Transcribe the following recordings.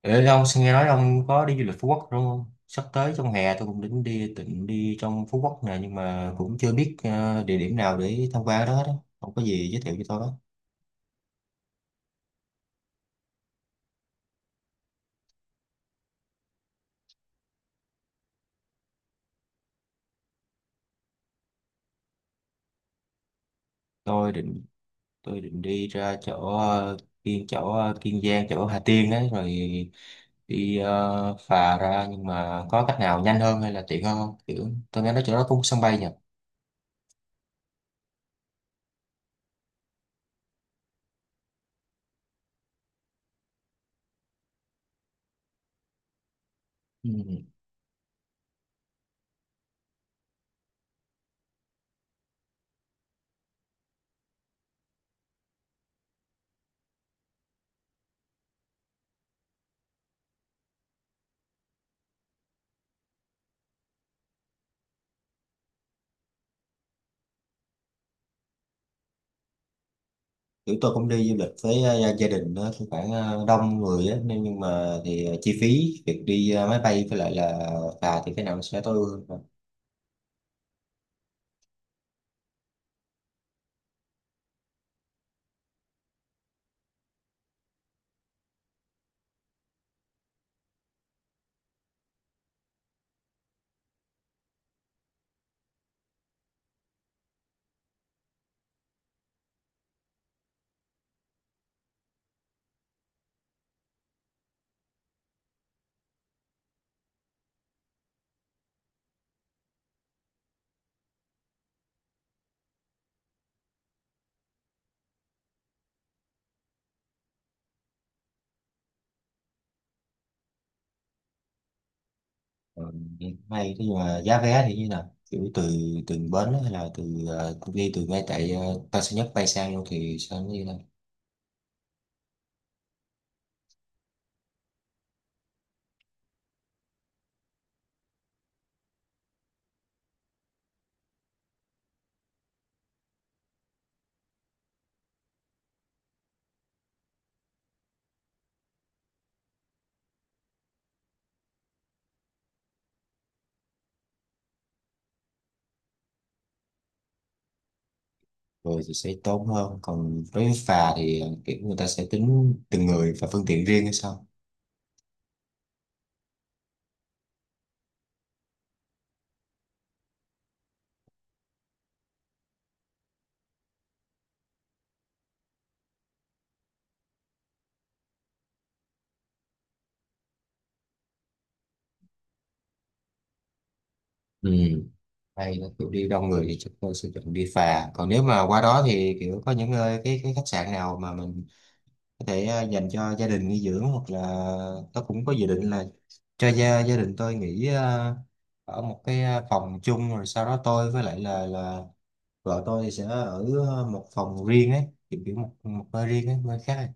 Ê, ông xin nghe nói ông có đi du lịch Phú Quốc đúng không? Sắp tới trong hè tôi cũng định đi trong Phú Quốc nè, nhưng mà cũng chưa biết địa điểm nào để tham quan đó đó. Ông có gì giới thiệu cho tôi đó. Tôi định tôi định đi ra chỗ Kiên Giang, chỗ Hà Tiên đấy, rồi đi phà ra, nhưng mà có cách nào nhanh hơn hay là tiện hơn không? Kiểu tôi nghe nói chỗ đó có sân bay nhỉ? Ừ. Kiểu tôi cũng đi du lịch với gia đình đó, thì khoảng đông người á, nên nhưng mà thì chi phí việc đi máy bay với lại là phà thì cái nào nó sẽ tối ưu hơn? Ờ, Hay thế, nhưng mà giá vé thì như nào? Kiểu từ từ bến, hay là đi từ ngay tại Tân Sơn Nhất bay sang luôn thì sao, nó như nào, rồi thì sẽ tốn hơn? Còn đối với phà thì kiểu người ta sẽ tính từng người và phương tiện riêng hay sao? Ừ. Hay là kiểu đi đông người thì chắc tôi sẽ chọn đi phà. Còn nếu mà qua đó thì kiểu có những nơi, cái khách sạn nào mà mình có thể dành cho gia đình nghỉ dưỡng, hoặc là tôi cũng có dự định là cho gia gia đình tôi nghỉ ở một cái phòng chung, rồi sau đó tôi với lại là vợ tôi thì sẽ ở một phòng riêng ấy, kiểu kiểu một một nơi riêng ấy, nơi khác ấy.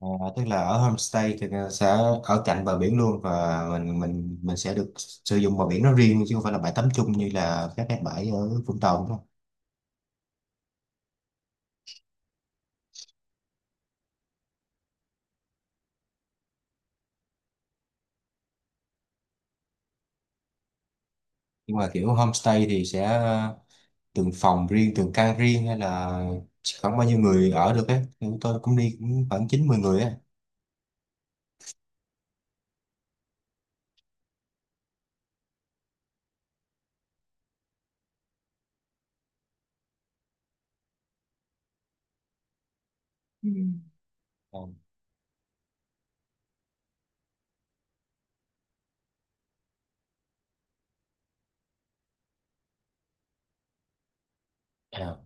À, tức là ở homestay thì sẽ ở cạnh bờ biển luôn, và mình sẽ được sử dụng bờ biển nó riêng, chứ không phải là bãi tắm chung như là các cái bãi ở Vũng Tàu đúng không? Nhưng mà kiểu homestay thì sẽ từng phòng riêng, từng căn riêng, hay là chỉ khoảng bao nhiêu người ở được ấy? Thì chúng tôi cũng đi cũng khoảng chín mười người ấy. Ờ, à,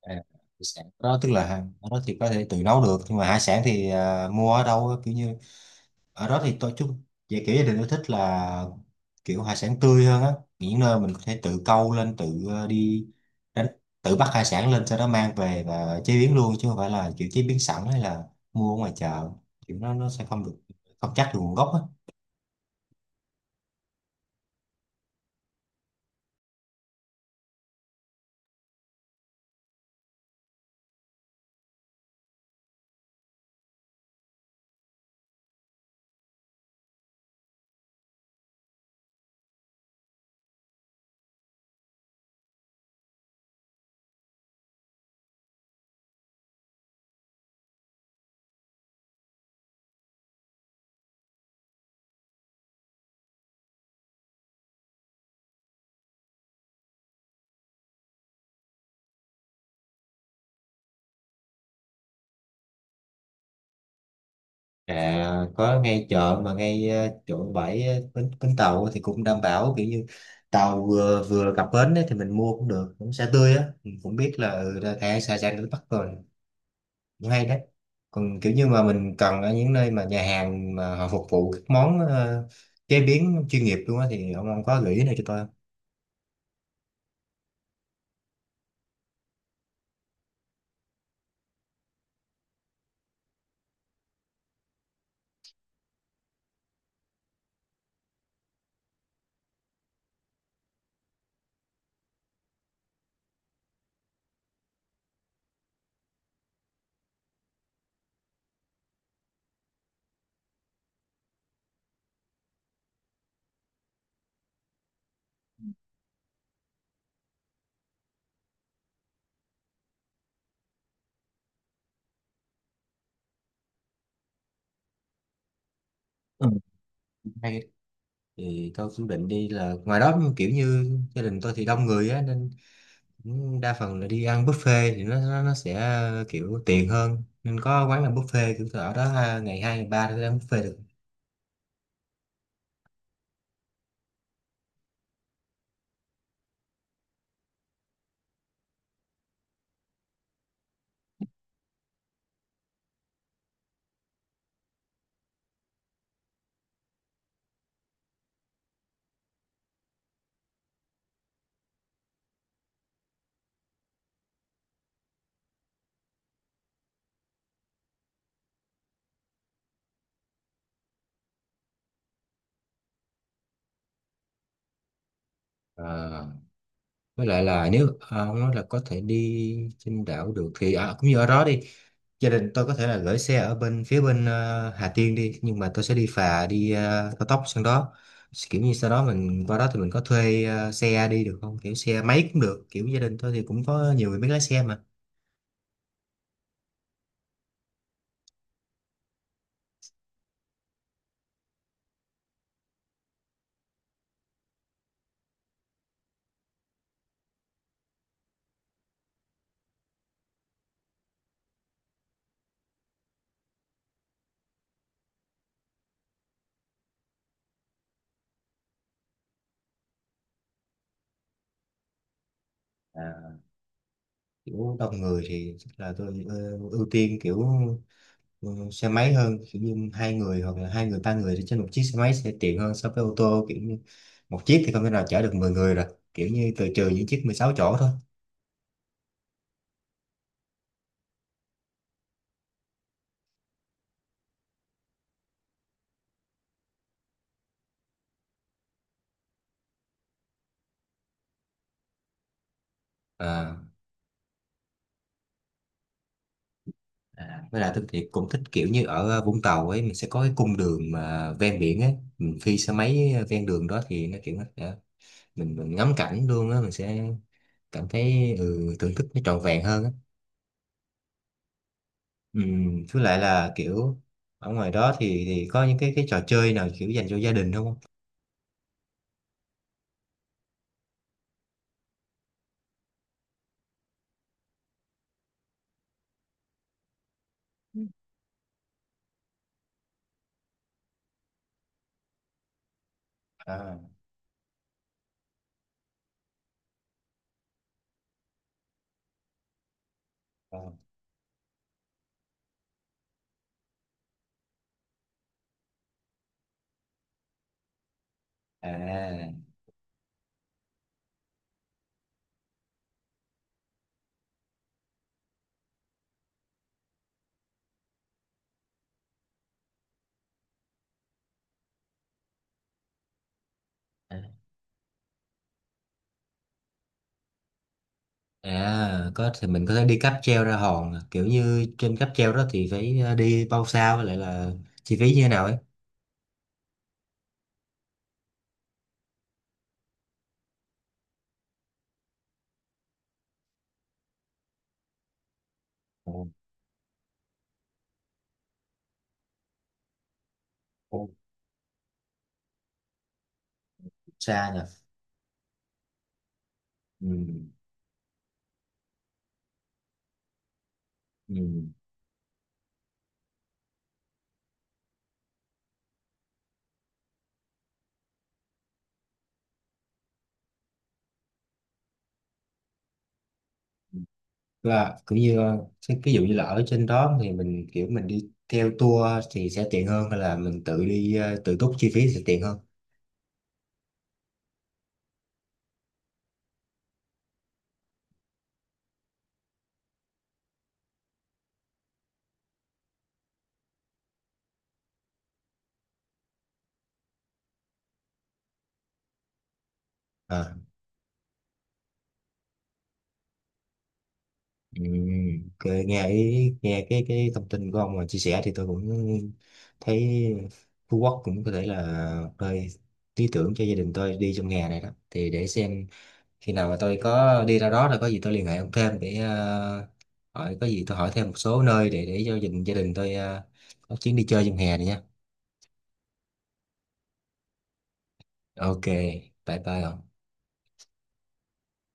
à, hải sản đó, tức là ở đó thì có thể tự nấu được, nhưng mà hải sản thì mua ở đâu á, kiểu như ở đó thì tôi chung, về kiểu gia đình tôi thích là kiểu hải sản tươi hơn á, những nơi mình có thể tự câu lên, tự đi đánh, tự bắt hải sản lên sau đó mang về và chế biến luôn, chứ không phải là kiểu chế biến sẵn, hay là mua ở ngoài chợ, kiểu nó sẽ không được, không chắc được nguồn gốc á. À, có ngay chợ mà ngay chỗ bãi, bến tàu, thì cũng đảm bảo kiểu như tàu vừa vừa cập bến ấy, thì mình mua cũng được, cũng sẽ tươi á, mình cũng biết là ra thẻ xa, ra đến Bắc rồi, cũng hay đấy. Còn kiểu như mà mình cần ở những nơi mà nhà hàng mà họ phục vụ các món chế biến chuyên nghiệp luôn á, thì ông có gợi ý này cho tôi không? Ừ. Hay đấy. Thì tôi cũng định đi là ngoài đó, kiểu như gia đình tôi thì đông người á, nên đa phần là đi ăn buffet thì nó sẽ kiểu tiện hơn, nên có quán làm buffet kiểu ở đó ha, ngày hai ngày ba thì ăn buffet được. Ờ, với lại là nếu ông nói là có thể đi trên đảo được thì cũng như ở đó đi, gia đình tôi có thể là gửi xe ở bên phía bên Hà Tiên đi, nhưng mà tôi sẽ đi phà, đi cao tốc sang đó, kiểu như sau đó mình qua đó thì mình có thuê xe đi được không, kiểu xe máy cũng được, kiểu gia đình tôi thì cũng có nhiều người biết lái xe mà. Kiểu đông người thì chắc là tôi ưu tiên kiểu xe máy hơn, kiểu như hai người, hoặc là hai người ba người thì trên một chiếc xe máy sẽ tiện hơn so với ô tô, kiểu như một chiếc thì không thể nào chở được 10 người rồi, kiểu như trừ những chiếc 16 chỗ thôi. à, với lại tôi thì cũng thích kiểu như ở Vũng Tàu ấy, mình sẽ có cái cung đường mà ven biển ấy, mình phi xe máy ven đường đó thì nó kiểu nó sẽ- mình ngắm cảnh luôn á, mình sẽ cảm thấy thưởng thức nó trọn vẹn hơn á. Ừ, với lại là kiểu ở ngoài đó thì có những cái trò chơi nào kiểu dành cho gia đình không? À, à, à, à, có thì mình có thể đi cáp treo ra hòn à. Kiểu như trên cáp treo đó thì phải đi bao xa, với lại là chi phí như thế nào ấy? Ồ, ồ, xa nhỉ. Ừ, ừ. Và cũng như cái ví dụ như là ở trên đó thì mình kiểu mình đi theo tour thì sẽ tiện hơn, hay là mình tự đi tự túc chi phí sẽ tiện hơn? À. Ừ, ok, nghe cái thông tin của ông mà chia sẻ thì tôi cũng thấy Phú Quốc cũng có thể là nơi lý tưởng cho gia đình tôi đi trong hè này đó, thì để xem khi nào mà tôi có đi ra đó là có gì tôi liên hệ ông thêm để hỏi, có gì tôi hỏi thêm một số nơi để cho gia đình tôi có chuyến đi chơi trong hè này nha. Ok, bye bye ông.